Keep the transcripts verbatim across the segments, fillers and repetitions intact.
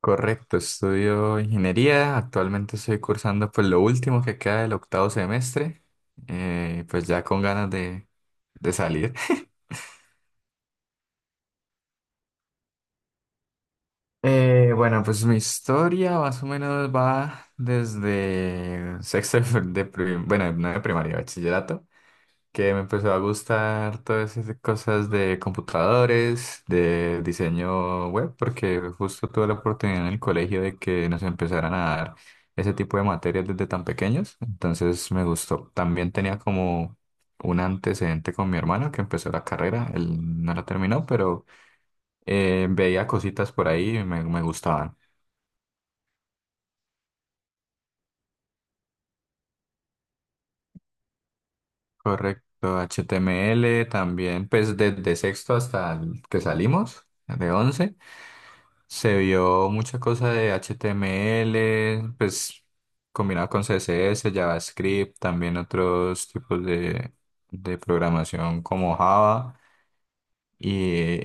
Correcto, estudio ingeniería, actualmente estoy cursando pues lo último que queda del octavo semestre, eh, pues ya con ganas de, de salir. Eh, bueno, pues mi historia más o menos va desde sexto de, prim- bueno, no de primaria, bachillerato, que me empezó a gustar todas esas cosas de computadores, de diseño web, porque justo tuve la oportunidad en el colegio de que nos empezaran a dar ese tipo de materias desde tan pequeños, entonces me gustó. También tenía como un antecedente con mi hermano que empezó la carrera, él no la terminó, pero eh, veía cositas por ahí y me, me gustaban. Correcto, H T M L también, pues desde sexto hasta el que salimos, de once. Se vio mucha cosa de H T M L, pues combinado con C S S, JavaScript, también otros tipos de, de programación como Java. Y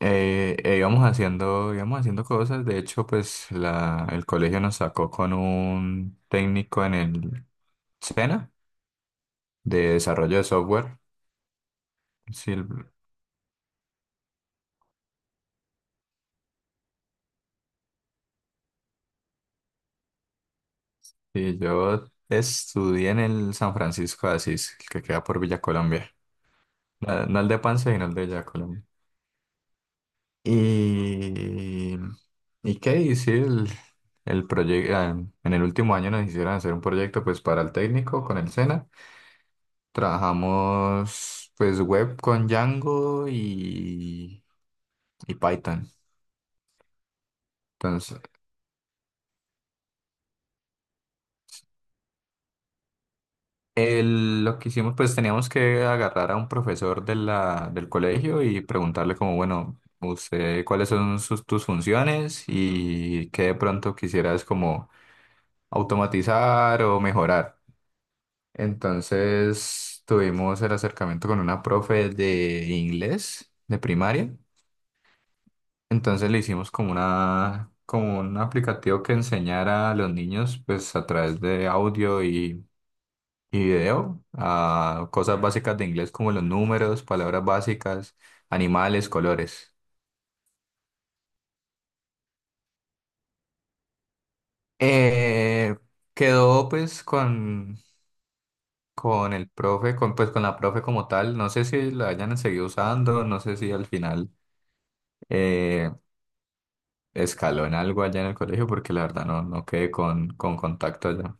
eh, eh, íbamos haciendo, íbamos haciendo cosas. De hecho, pues la, el colegio nos sacó con un técnico en el SENA de desarrollo de software. Sí, y yo estudié en el San Francisco de Asís, que queda por Villa Colombia. Na- No el de Pansy, sino el de Ya Colombia. Y, y qué hice el, el proyecto. ah, En el último año nos hicieron hacer un proyecto pues para el técnico con el SENA. Trabajamos pues web con Django y, y Python. Entonces, el- lo que hicimos, pues teníamos que agarrar a un profesor de la, del colegio y preguntarle como, bueno, usted, ¿cuáles son sus, tus funciones? Y qué de pronto quisieras como automatizar o mejorar. Entonces tuvimos el acercamiento con una profe de inglés de primaria. Entonces le hicimos como una, como un aplicativo que enseñara a los niños, pues a través de audio y, y video, a cosas básicas de inglés como los números, palabras básicas, animales, colores. Eh, Quedó pues con con el profe, con, pues con la profe como tal. No sé si la hayan seguido usando, no sé si al final eh, escaló en algo allá en el colegio, porque la verdad no, no quedé con, con contacto allá.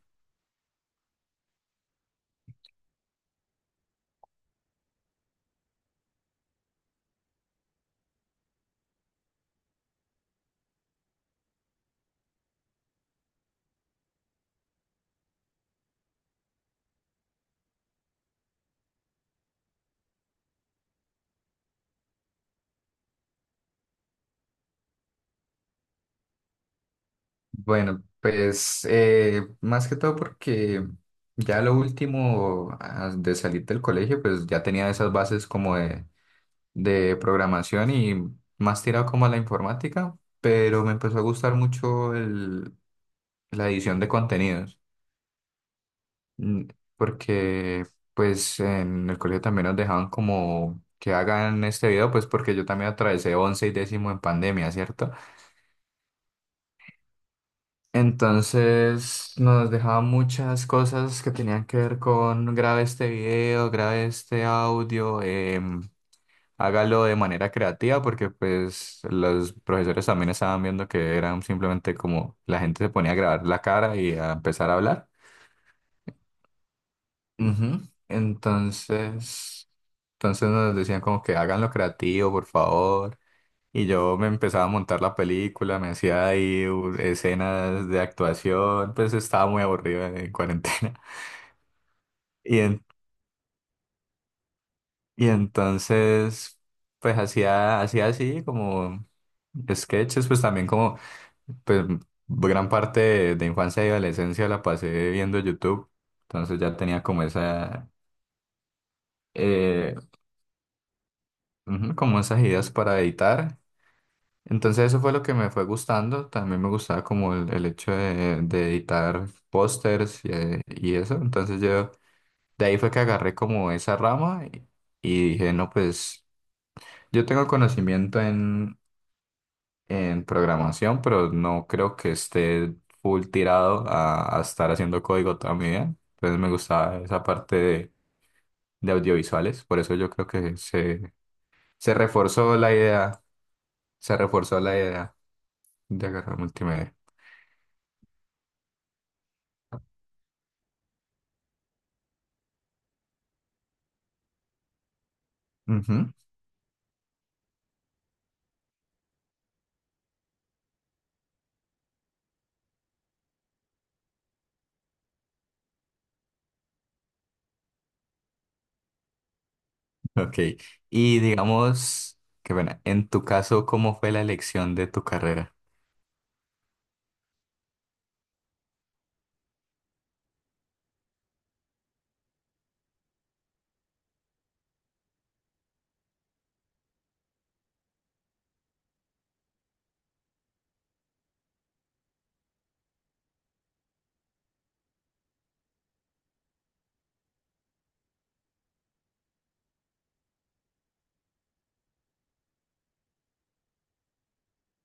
Bueno, pues eh, más que todo porque ya lo último ah, de salir del colegio, pues ya tenía esas bases como de, de programación y más tirado como a la informática, pero me empezó a gustar mucho el- la edición de contenidos. Mm, Porque pues en el colegio también nos dejaban como que hagan este video, pues porque yo también atravesé once y décimo en pandemia, ¿cierto? Entonces nos dejaban muchas cosas que tenían que ver con grabe este video, grabe este audio, em, hágalo de manera creativa, porque pues los profesores también estaban viendo que eran simplemente como la gente se ponía a grabar la cara y a empezar a hablar. Ujú. Entonces, entonces nos decían como que hagan lo creativo, por favor. Y yo me empezaba a montar la película, me hacía ahí u- escenas de actuación, pues estaba muy aburrido en cuarentena. Y, en- y entonces, pues hacía, hacía así como sketches, pues también como, pues gran parte de, de infancia y adolescencia la pasé viendo YouTube. Entonces ya tenía como esa, eh, ujú, como esas ideas para editar. Entonces eso fue lo que me fue gustando. También me gustaba como el, el hecho de, de editar pósters y, eh, y eso. Entonces yo de ahí fue que agarré como esa rama y, y dije, no, pues yo tengo conocimiento en, en programación, pero no creo que esté full tirado a, a estar haciendo código toda mi vida. Entonces me gustaba esa parte de, de audiovisuales. Por eso yo creo que se, se reforzó la idea, se reforzó la idea de agarrar multimedia. Ujú. Ok, y digamos, que bueno, en tu caso, ¿cómo fue la elección de tu carrera?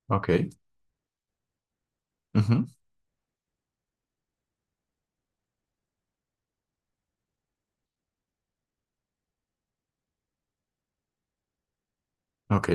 Ok, ujú. Ok,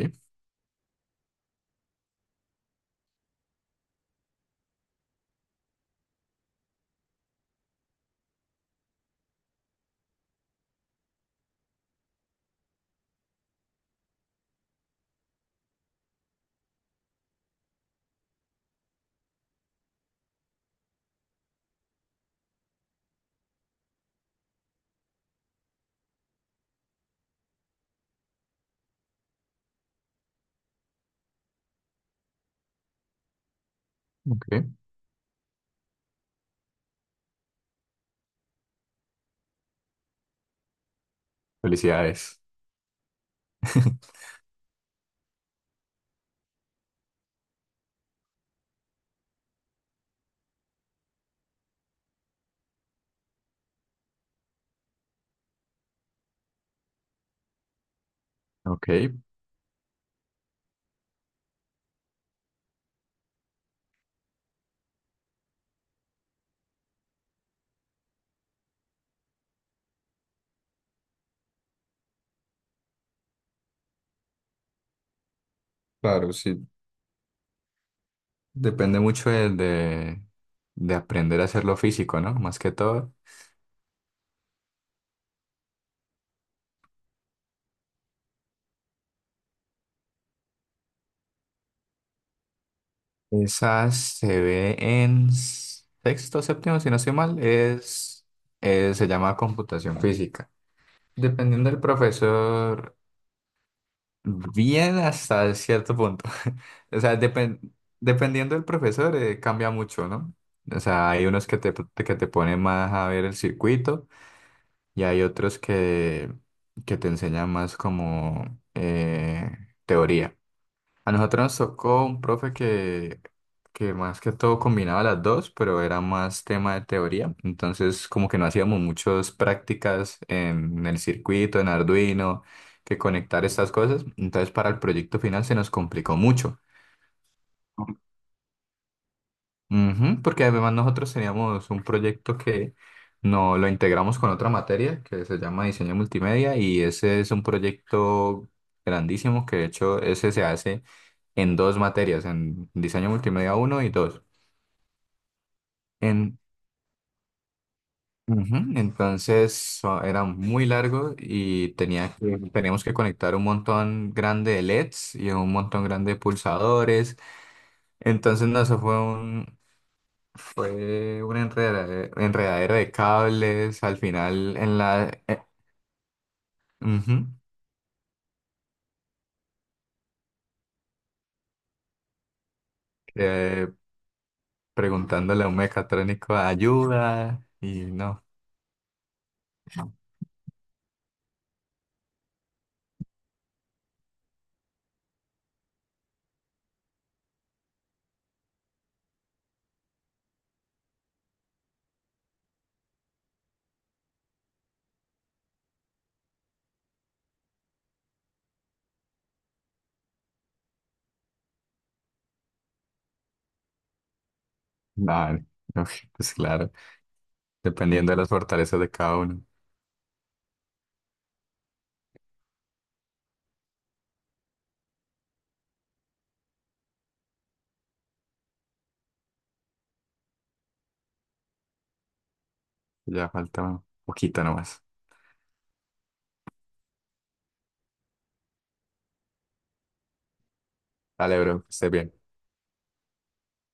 ok, felicidades. Ok, claro, sí, depende mucho de, de, de aprender a hacer lo físico, ¿no? Más que todo. Esa se ve en sexto, séptimo, si no estoy mal, es, eh, se llama computación física. Dependiendo del profesor. Bien hasta cierto punto. O sea, depen- dependiendo del profesor, eh, cambia mucho, ¿no? O sea, hay unos que te, que te ponen más a ver el circuito y hay otros que, que te enseñan más como eh, teoría. A nosotros nos tocó un profe que, que más que todo combinaba las dos, pero era más tema de teoría. Entonces, como que no hacíamos muchas prácticas en el circuito, en Arduino, que conectar estas cosas. Entonces, para el proyecto final se nos complicó mucho. Ujú, porque además nosotros teníamos un proyecto que no lo integramos con otra materia que se llama diseño multimedia y ese es un proyecto grandísimo que de hecho ese se hace en dos materias, en diseño multimedia uno y dos. En, Ujú, entonces so- era muy largo y tenía que, teníamos que conectar un montón grande de L E Ds y un montón grande de pulsadores. Entonces no, eso fue un, fue una enredadera, enredadera de cables al final en la eh, ujú, eh, preguntándole a un mecatrónico ayuda y no, nada, no, pues claro, dependiendo de las fortalezas de cada uno. Ya falta un poquito nomás. Dale, bro, que estés bien.